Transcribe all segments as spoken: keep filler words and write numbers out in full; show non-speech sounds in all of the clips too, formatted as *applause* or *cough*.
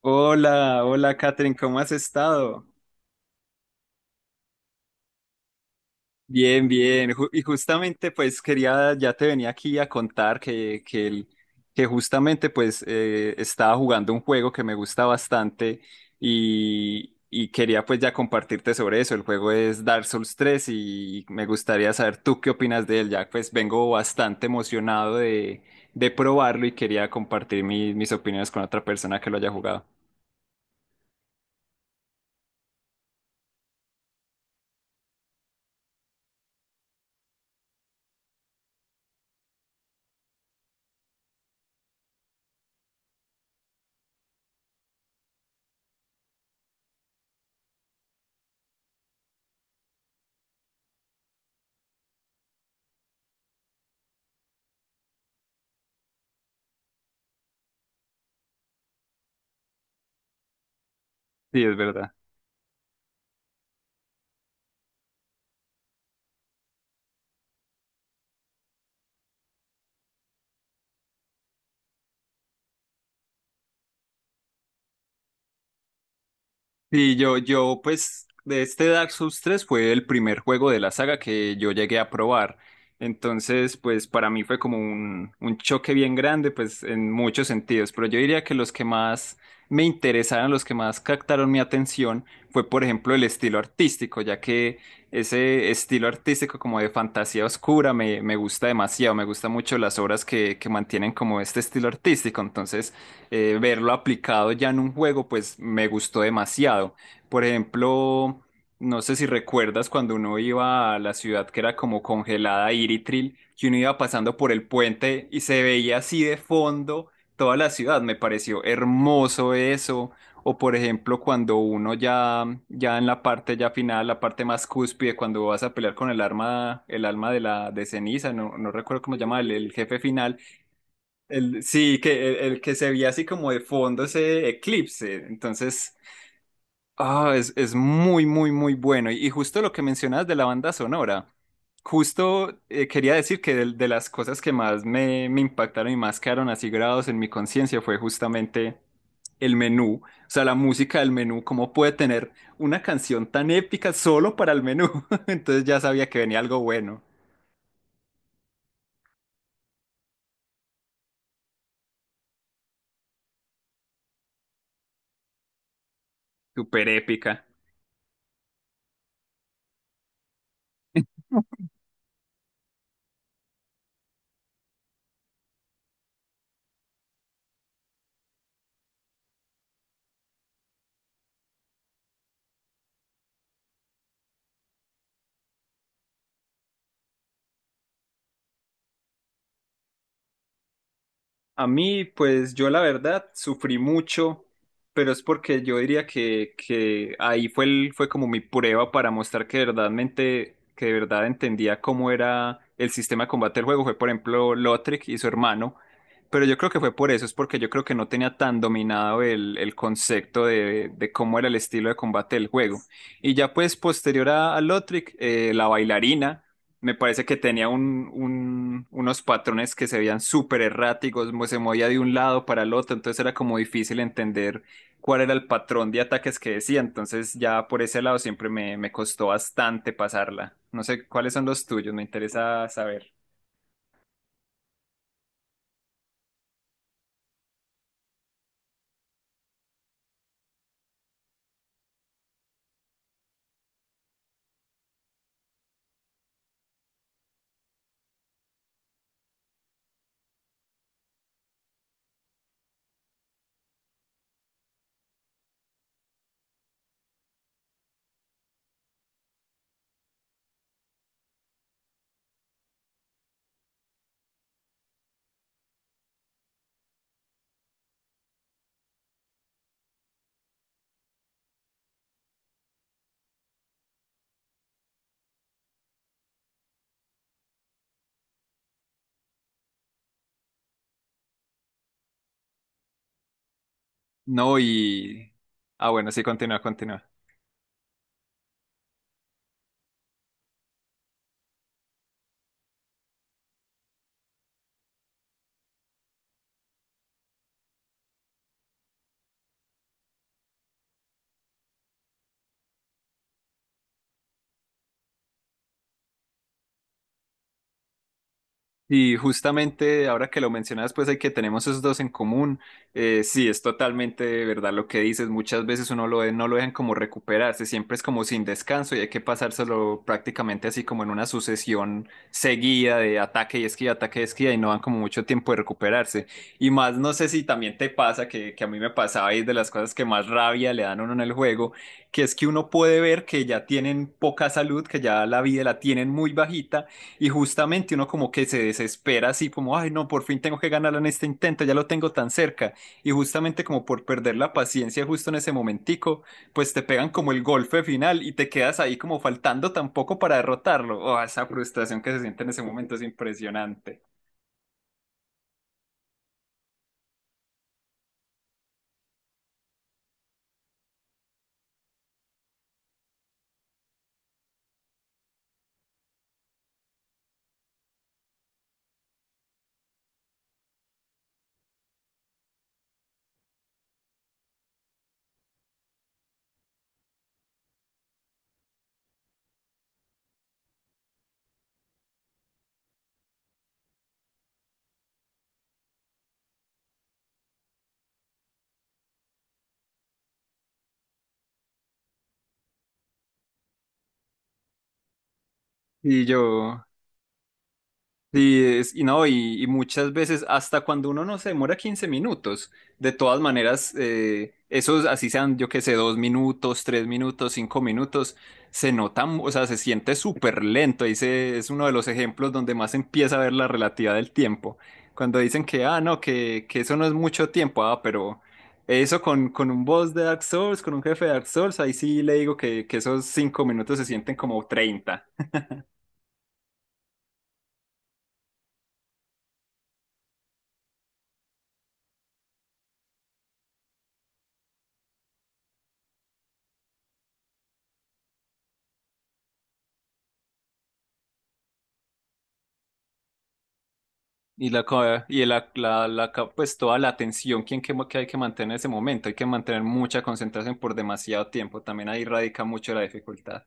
Hola, hola Catherine, ¿cómo has estado? Bien, bien. Ju- y justamente pues quería, ya te venía aquí a contar que, que, el- que justamente pues eh, estaba jugando un juego que me gusta bastante y, y quería pues ya compartirte sobre eso. El juego es Dark Souls tres y me gustaría saber tú qué opinas de él. Ya pues vengo bastante emocionado de, de probarlo y quería compartir mi- mis opiniones con otra persona que lo haya jugado. Sí, es verdad. Y yo, yo, pues, de este Dark Souls tres fue el primer juego de la saga que yo llegué a probar. Entonces, pues, para mí fue como un, un choque bien grande, pues, en muchos sentidos. Pero yo diría que los que más me interesaron, los que más captaron mi atención, fue, por ejemplo, el estilo artístico, ya que ese estilo artístico como de fantasía oscura me, me gusta demasiado. Me gustan mucho las obras que, que mantienen como este estilo artístico. Entonces, eh, verlo aplicado ya en un juego, pues me gustó demasiado. Por ejemplo, no sé si recuerdas cuando uno iba a la ciudad que era como congelada, Iritril, que uno iba pasando por el puente y se veía así de fondo toda la ciudad. Me pareció hermoso eso. O por ejemplo, cuando uno ya, ya en la parte ya final, la parte más cúspide, cuando vas a pelear con el arma, el alma de la de ceniza, no, no recuerdo cómo se llama, el el jefe final el, sí, que el, el que se veía así como de fondo ese eclipse. Entonces, ah, es, es muy, muy, muy bueno. Y, y justo lo que mencionas de la banda sonora, justo eh, quería decir que del- de, las cosas que más me, me impactaron y más quedaron así grabados en mi conciencia fue justamente el menú. O sea, la música del menú, cómo puede tener una canción tan épica solo para el menú. *laughs* Entonces ya sabía que venía algo bueno, súper épica. A mí, pues yo la verdad sufrí mucho, pero es porque yo diría que, que ahí fue, el- fue como mi prueba para mostrar que verdaderamente, que de verdad entendía cómo era el sistema de combate del juego. Fue, por ejemplo, Lothric y su hermano. Pero yo creo que fue por eso, es porque yo creo que no tenía tan dominado el, el concepto de, de cómo era el estilo de combate del juego. Y ya pues posterior a, a Lothric, eh, la bailarina. Me parece que tenía un, un- unos patrones que se veían súper erráticos, mo- se movía de un lado para el otro, entonces era como difícil entender cuál era el patrón de ataques que decía, entonces ya por ese lado siempre me, me costó bastante pasarla. No sé cuáles son los tuyos, me interesa saber. No, y... Ah, bueno, sí, continúa, continúa. Y justamente ahora que lo mencionas, pues hay que tenemos esos dos en común. Eh, sí, es totalmente de verdad lo que dices. Muchas veces uno lo, no lo dejan como recuperarse, siempre es como sin descanso y hay que pasárselo prácticamente así como en una sucesión seguida de ataque y esquina, ataque y esquina y no dan como mucho tiempo de recuperarse. Y más, no sé si también te pasa que, que a mí me pasaba y es de las cosas que más rabia le dan a uno en el juego, que es que uno puede ver que ya tienen poca salud, que ya la vida la tienen muy bajita y justamente uno como que se desespera así como, ay no, por fin tengo que ganar en este intento, ya lo tengo tan cerca. Y justamente como por perder la paciencia justo en ese momentico, pues te pegan como el golpe final y te quedas ahí como faltando tampoco para derrotarlo. Oh, esa frustración que se siente en ese momento es impresionante. Y yo, Sí, es- y no, y, y muchas veces hasta cuando uno no se demora quince minutos, de todas maneras, eh, esos así sean, yo qué sé, dos minutos, tres minutos, cinco minutos, se nota, mu- o sea, se siente súper lento. Ahí se- es uno de los ejemplos donde más se empieza a ver la relatividad del tiempo. Cuando dicen que, ah, no, que, que eso no es mucho tiempo, ah, pero eso con, con un boss de Dark Souls, con un jefe de Dark Souls, ahí sí le digo que, que esos cinco minutos se sienten como treinta. Y la, ca- y la, la, la ca- pues toda la atención quien que, mo- que hay que mantener en ese momento, hay que mantener mucha concentración por demasiado tiempo, también ahí radica mucho la dificultad.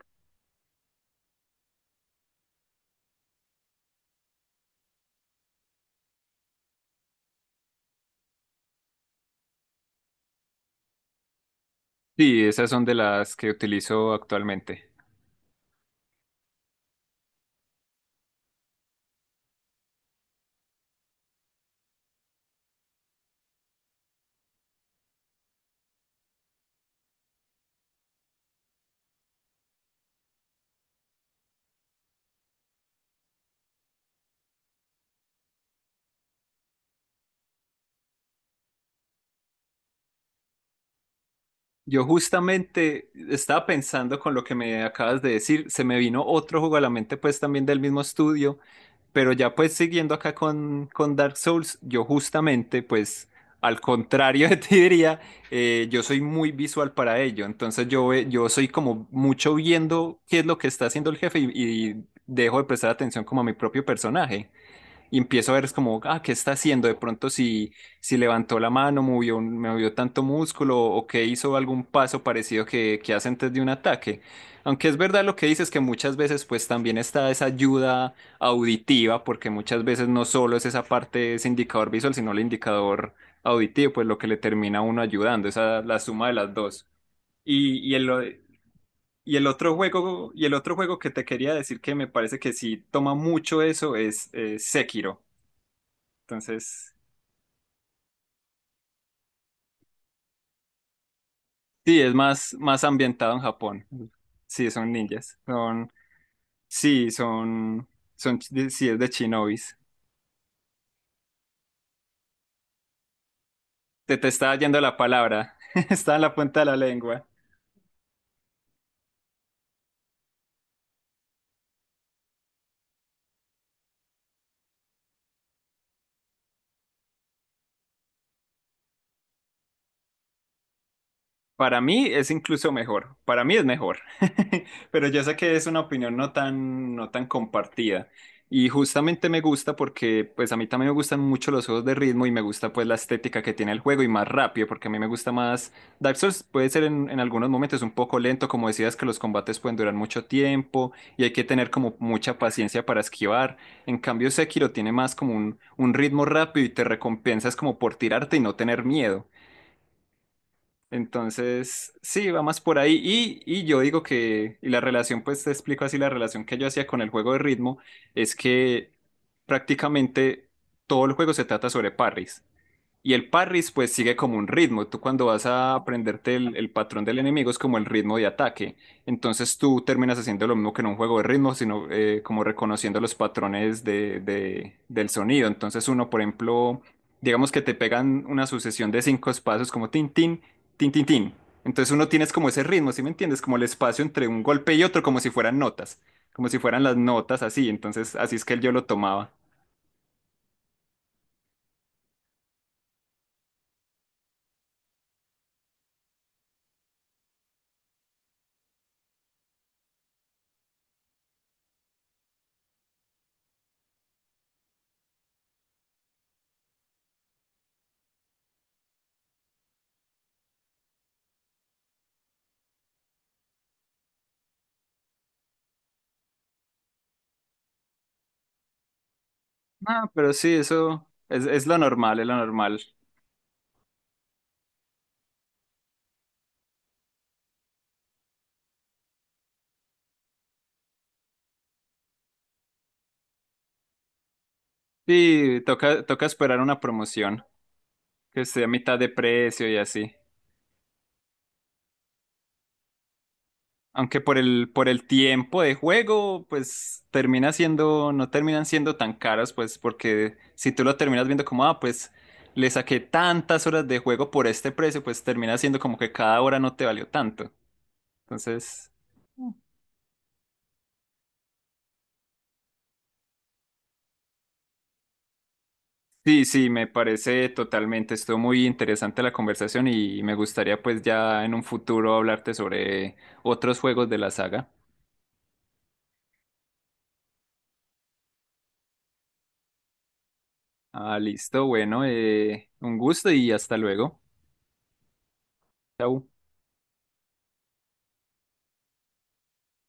Sí, esas son de las que utilizo actualmente. Yo justamente estaba pensando con lo que me acabas de decir, se me vino otro juego a la mente pues también del mismo estudio, pero ya pues siguiendo acá con, con Dark Souls, yo justamente pues al contrario *laughs* de ti diría, eh, yo soy muy visual para ello, entonces yo, ve- yo soy como mucho viendo qué es lo que está haciendo el jefe y, y dejo de prestar atención como a mi propio personaje y empiezo a ver es como, ah, ¿qué está haciendo? De pronto si, si levantó la mano, movió, un- movió tanto músculo o que hizo algún paso parecido que, que hace antes de un ataque. Aunque es verdad lo que dices que muchas veces pues también está esa ayuda auditiva, porque muchas veces no solo es esa parte, ese indicador visual, sino el indicador auditivo, pues lo que le termina a uno ayudando, esa la suma de las dos. Y, y el, y el otro juego, y el otro juego que te quería decir que me parece que sí toma mucho eso es eh, Sekiro. Entonces, sí, es más, más ambientado en Japón. Sí, son ninjas. Son, sí, son, son, sí, es de shinobis. Te, te estaba yendo la palabra. *laughs* Está en la punta de la lengua. Para mí es incluso mejor, para mí es mejor, *laughs* pero yo sé que es una opinión no tan, no tan compartida y justamente me gusta porque pues a mí también me gustan mucho los juegos de ritmo y me gusta pues la estética que tiene el juego y más rápido porque a mí me gusta más Dark Souls puede ser en, en algunos momentos un poco lento como decías que los combates pueden durar mucho tiempo y hay que tener como mucha paciencia para esquivar, en cambio Sekiro tiene más como un, un ritmo rápido y te recompensas como por tirarte y no tener miedo. Entonces, sí, va más por ahí. Y, y yo digo que, y la relación, pues te explico así, la relación que yo hacía con el juego de ritmo es que prácticamente todo el juego se trata sobre parries. Y el parris pues sigue como un ritmo. Tú cuando vas a aprenderte el, el patrón del enemigo es como el ritmo de ataque. Entonces tú terminas haciendo lo mismo que en un juego de ritmo, sino eh, como reconociendo los patrones de, de- del sonido. Entonces uno, por ejemplo, digamos que te pegan una sucesión de cinco espacios como tin, tin, tin, tin, tin. Entonces uno tienes como ese ritmo, ¿sí me entiendes? Como el espacio entre un golpe y otro, como si fueran notas, como si fueran las notas así. Entonces así es que él yo lo tomaba. Ah, pero sí, eso es, es lo normal, es lo normal. Sí, toca, toca esperar una promoción que esté a mitad de precio y así. Aunque por el, por el tiempo de juego, pues termina siendo, no terminan siendo tan caros, pues porque si tú lo terminas viendo como, ah, pues le saqué tantas horas de juego por este precio, pues termina siendo como que cada hora no te valió tanto. Entonces, sí, sí, me parece totalmente, estuvo muy interesante la conversación y me gustaría pues ya en un futuro hablarte sobre otros juegos de la saga. Ah, listo, bueno, eh, un gusto y hasta luego. Chau.